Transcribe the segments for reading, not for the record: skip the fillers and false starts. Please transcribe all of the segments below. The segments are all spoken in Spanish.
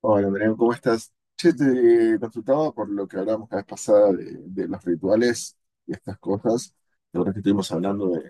Hola, Miriam, ¿cómo estás? Che, te consultaba por lo que hablamos la vez pasada de los rituales y estas cosas. La verdad que estuvimos hablando de,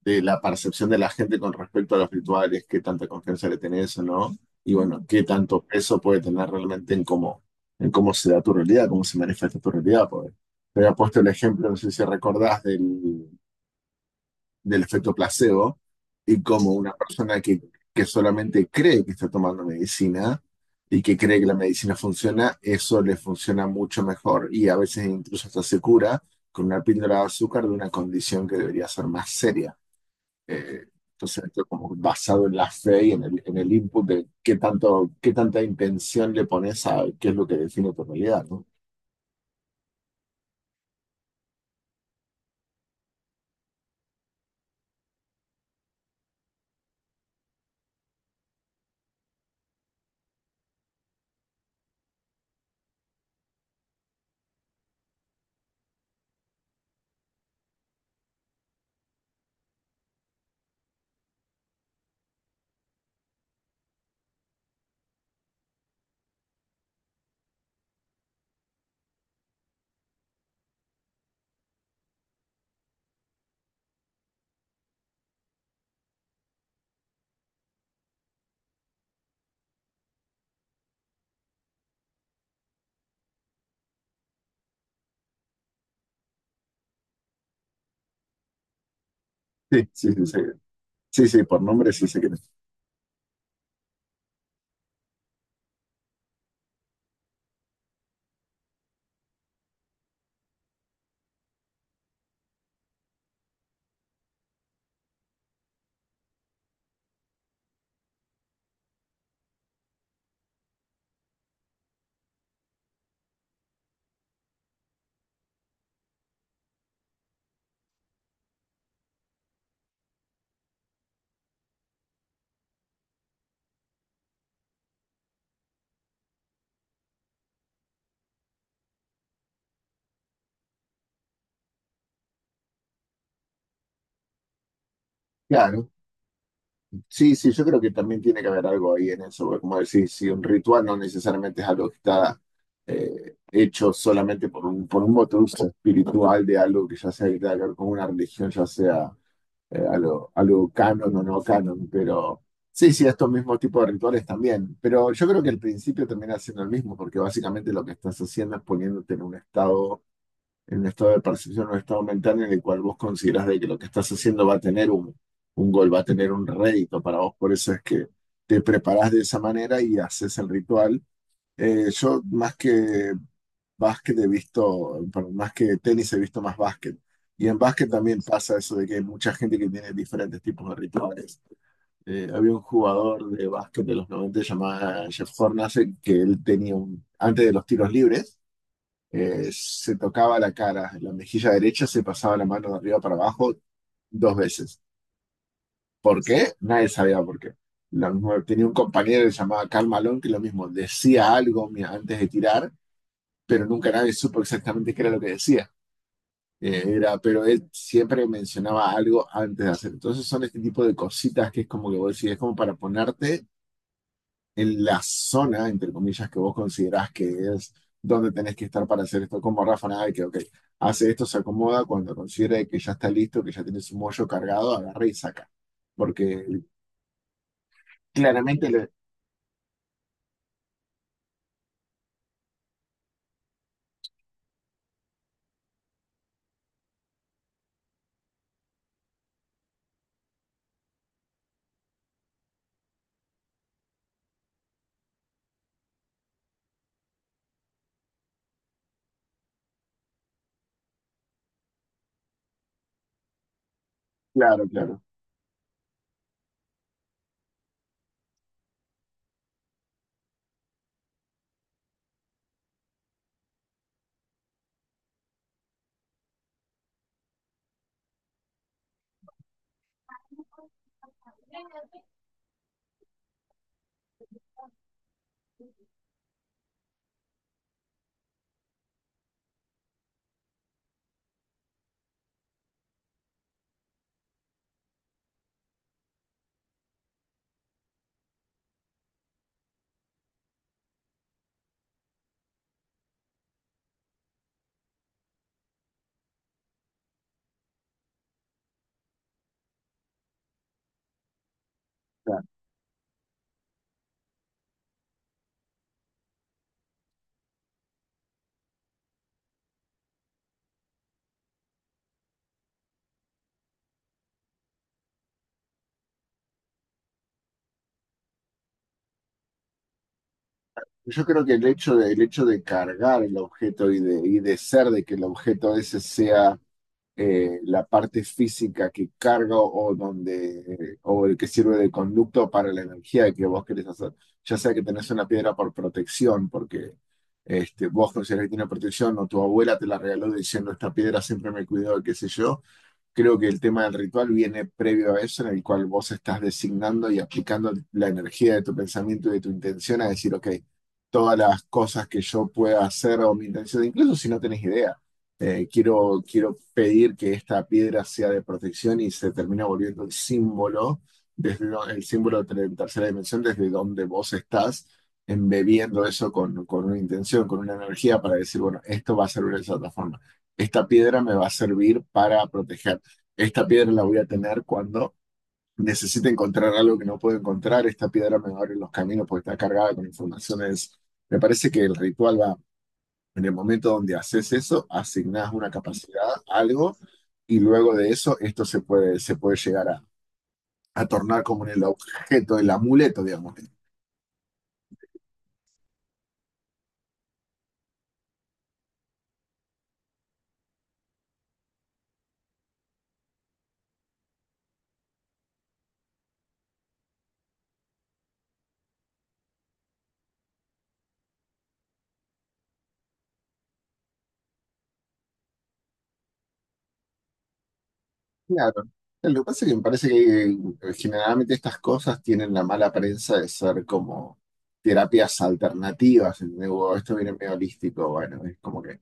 de la percepción de la gente con respecto a los rituales, qué tanta confianza le tenés o no, y bueno, qué tanto peso puede tener realmente en en cómo se da tu realidad, cómo se manifiesta tu realidad. Porque te había puesto el ejemplo, no sé si recordás, del efecto placebo y como una persona que solamente cree que está tomando medicina y que cree que la medicina funciona, eso le funciona mucho mejor y a veces incluso hasta se cura con una píldora de azúcar de una condición que debería ser más seria. Eh, entonces, esto como basado en la fe y en en el input de qué, tanto, qué tanta intención le pones a qué es lo que define tu realidad, ¿no? Sí, sí, sí. Sí, sí, sí, por nombre sí se cree. Claro. Sí, sí, yo creo que también tiene que haber algo ahí en eso, porque como decís, si un ritual no necesariamente es algo que está hecho solamente por por un motivo espiritual de algo que ya sea que tenga que ver con una religión, ya sea algo canon o no canon, pero sí, sí, estos mismos tipos de rituales también, pero yo creo que el principio termina siendo el mismo, porque básicamente lo que estás haciendo es poniéndote en un estado en estado de percepción, o un estado mental en el cual vos consideras de que lo que estás haciendo va a tener un gol, va a tener un rédito para vos. Por eso es que te preparás de esa manera y haces el ritual. Yo más que básquet he visto, perdón, más que tenis he visto más básquet. Y en básquet también pasa eso de que hay mucha gente que tiene diferentes tipos de rituales. Había un jugador de básquet de los 90 llamado Jeff Hornacek que él tenía un, antes de los tiros libres, se tocaba la cara, en la mejilla derecha se pasaba la mano de arriba para abajo 2 veces. ¿Por qué? Nadie sabía por qué. Lo mismo, tenía un compañero que se llamaba Karl Malone que lo mismo, decía algo antes de tirar, pero nunca nadie supo exactamente qué era lo que decía. Pero él siempre mencionaba algo antes de hacer. Entonces son este tipo de cositas que es como que vos decís, es como para ponerte en la zona, entre comillas, que vos considerás que es donde tenés que estar para hacer esto, como Rafa Nadal, que ok, hace esto, se acomoda, cuando considere que ya está listo, que ya tiene su mollo cargado, agarra y saca. Porque claramente, claro, claro, claro. Yo creo que el hecho de cargar el objeto y y de ser de que el objeto ese sea la parte física que carga o donde o el que sirve de conducto para la energía que vos querés hacer. Ya sea que tenés una piedra por protección, porque este, vos considerás que tiene protección o tu abuela te la regaló diciendo esta piedra siempre me cuidó, qué sé yo. Creo que el tema del ritual viene previo a eso, en el cual vos estás designando y aplicando la energía de tu pensamiento y de tu intención a decir, ok, todas las cosas que yo pueda hacer o mi intención, incluso si no tenés idea, quiero pedir que esta piedra sea de protección y se termina volviendo el símbolo, desde el símbolo de la tercera dimensión, desde donde vos estás, embebiendo eso con una intención, con una energía para decir, bueno, esto va a servir de esa otra forma, esta piedra me va a servir para proteger. Esta piedra la voy a tener cuando necesite encontrar algo que no puedo encontrar. Esta piedra me va a abrir los caminos porque está cargada con informaciones. Me parece que el ritual va en el momento donde haces eso, asignás una capacidad, algo, y luego de eso esto se puede llegar a tornar como en el objeto, el amuleto, digamos. Claro. Lo que pasa es que me parece que generalmente estas cosas tienen la mala prensa de ser como terapias alternativas. ¿Entendés? Wow, esto viene medio holístico, bueno, es como que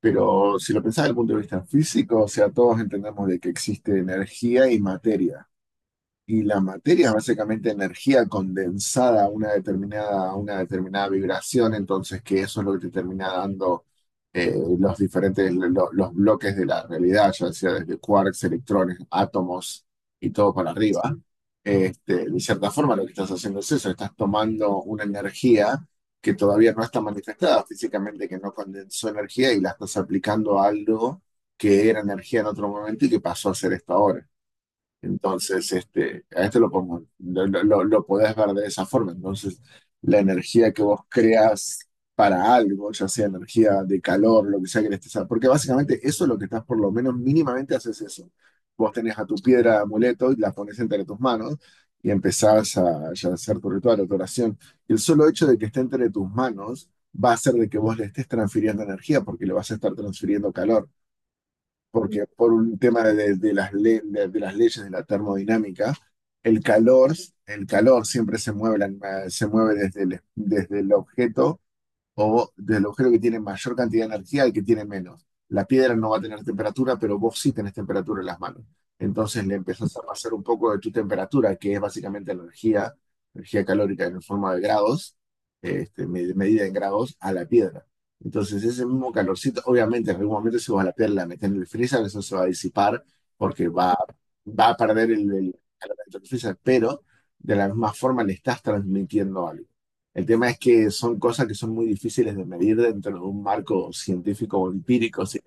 pero si lo pensás desde el punto de vista físico, o sea, todos entendemos de que existe energía y materia. Y la materia es básicamente energía condensada a una determinada vibración, entonces que eso es lo que te termina dando los bloques de la realidad, ya sea desde quarks, electrones, átomos y todo para arriba. Este, de cierta forma, lo que estás haciendo es eso, estás tomando una energía que todavía no está manifestada físicamente, que no condensó energía y la estás aplicando a algo que era energía en otro momento y que pasó a ser esto ahora. Entonces, este, a este lo pongo, lo podés ver de esa forma. Entonces, la energía que vos creas para algo, ya sea energía de calor, lo que sea que le estés porque básicamente eso es lo que estás, por lo menos mínimamente haces eso. Vos tenés a tu piedra de amuleto y la pones entre tus manos y empezás a, ya hacer tu ritual o tu oración. Y el solo hecho de que esté entre tus manos va a hacer de que vos le estés transfiriendo energía, porque le vas a estar transfiriendo calor porque por un tema de las leyes de la termodinámica, el calor, el calor siempre se mueve, se mueve desde desde el objeto o del agujero que tiene mayor cantidad de energía al que tiene menos. La piedra no va a tener temperatura, pero vos sí tenés temperatura en las manos. Entonces le empezás a pasar un poco de tu temperatura, que es básicamente la energía, energía calórica en forma de grados, este, medida en grados, a la piedra. Entonces ese mismo calorcito, obviamente en algún momento si vos a la piedra la metés en el freezer, eso se va a disipar porque va, va a perder el calor dentro del freezer, pero de la misma forma le estás transmitiendo algo. El tema es que son cosas que son muy difíciles de medir dentro de un marco científico o empírico, sí,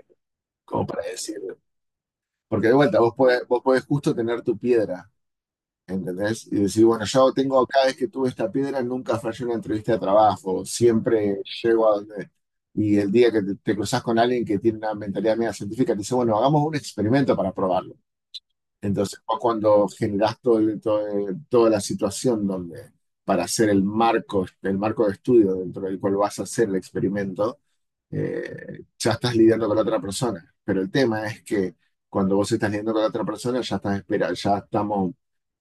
como para decir. Porque de vuelta, vos podés justo tener tu piedra, ¿entendés? Y decir, bueno, yo tengo, cada vez que tuve esta piedra, nunca fallé una entrevista de trabajo, siempre llego a donde... Y el día que te cruzas con alguien que tiene una mentalidad media científica, te dice, bueno, hagamos un experimento para probarlo. Entonces fue cuando generas toda la situación donde para hacer el marco de estudio dentro del cual vas a hacer el experimento, ya estás lidiando con la otra persona. Pero el tema es que cuando vos estás lidiando con la otra persona, ya estás espera, ya estamos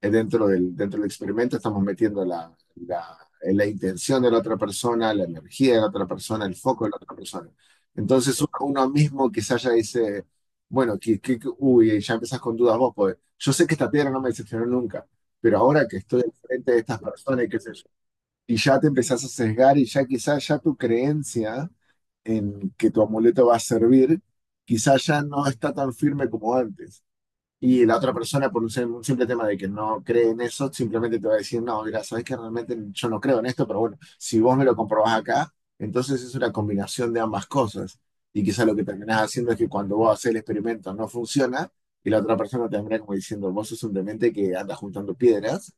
dentro del experimento, estamos metiendo la intención de la otra persona, la energía de la otra persona, el foco de la otra persona. Entonces uno, uno mismo quizás ya dice, bueno, uy, ya empezás con dudas vos, pues yo sé que esta piedra no me decepcionó nunca. Pero ahora que estoy al frente de estas personas y qué sé yo, y ya te empezás a sesgar y ya quizás ya tu creencia en que tu amuleto va a servir, quizás ya no está tan firme como antes. Y la otra persona, por un un simple tema de que no cree en eso, simplemente te va a decir, no, mira, sabes que realmente yo no creo en esto, pero bueno, si vos me lo comprobás acá, entonces es una combinación de ambas cosas. Y quizás lo que terminás haciendo es que cuando vos haces el experimento no funciona, y la otra persona termina como diciendo, vos sos un demente que anda juntando piedras,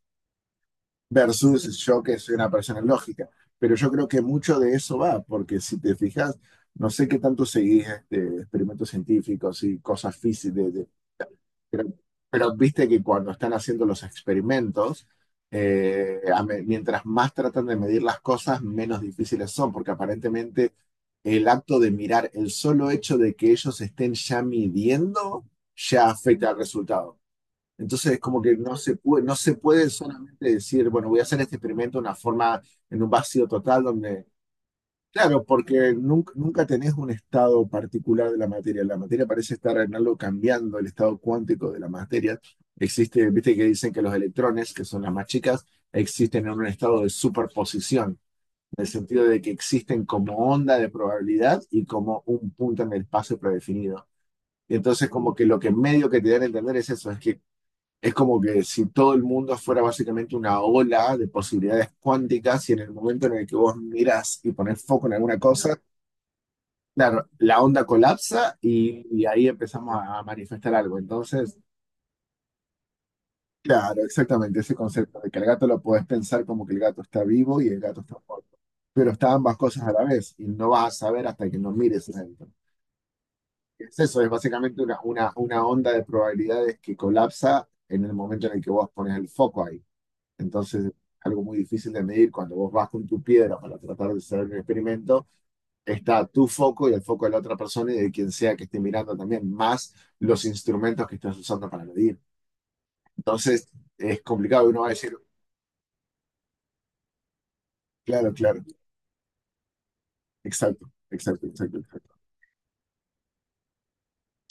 versus yo que soy una persona lógica. Pero yo creo que mucho de eso va, porque si te fijas, no sé qué tanto seguís este, experimentos científicos y cosas físicas, pero, pero viste que cuando están haciendo los experimentos, mientras más tratan de medir las cosas, menos difíciles son, porque aparentemente el acto de mirar, el solo hecho de que ellos estén ya midiendo, ya afecta al resultado. Entonces es como que no se puede, no se puede solamente decir, bueno, voy a hacer este experimento de una forma, en un vacío total, donde, claro, porque nunca, nunca tenés un estado particular de la materia. La materia parece estar en algo cambiando, el estado cuántico de la materia. Existe, viste que dicen que los electrones, que son las más chicas, existen en un estado de superposición, en el sentido de que existen como onda de probabilidad y como un punto en el espacio predefinido. Y entonces como que lo que medio que te dan a entender es eso, es que es como que si todo el mundo fuera básicamente una ola de posibilidades cuánticas y en el momento en el que vos miras y pones foco en alguna cosa, claro, la onda colapsa y ahí empezamos a manifestar algo. Entonces, claro, exactamente ese concepto de que el gato lo podés pensar como que el gato está vivo y el gato está muerto, pero está ambas cosas a la vez y no vas a saber hasta que no mires adentro. Es eso, es básicamente una onda de probabilidades que colapsa en el momento en el que vos pones el foco ahí. Entonces, algo muy difícil de medir cuando vos vas con tu piedra para tratar de hacer un experimento, está tu foco y el foco de la otra persona y de quien sea que esté mirando también, más los instrumentos que estás usando para medir. Entonces, es complicado, uno va a decir, claro, claro, exacto, exacto, exacto, exacto.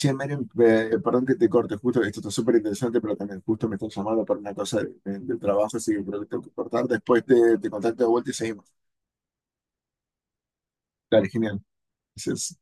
Che, Menem, perdón que te corte, justo, esto está súper interesante, pero también justo me están llamando para una cosa del trabajo, así que creo que tengo que cortar. Después te contacto de vuelta y seguimos. Dale, genial. Gracias.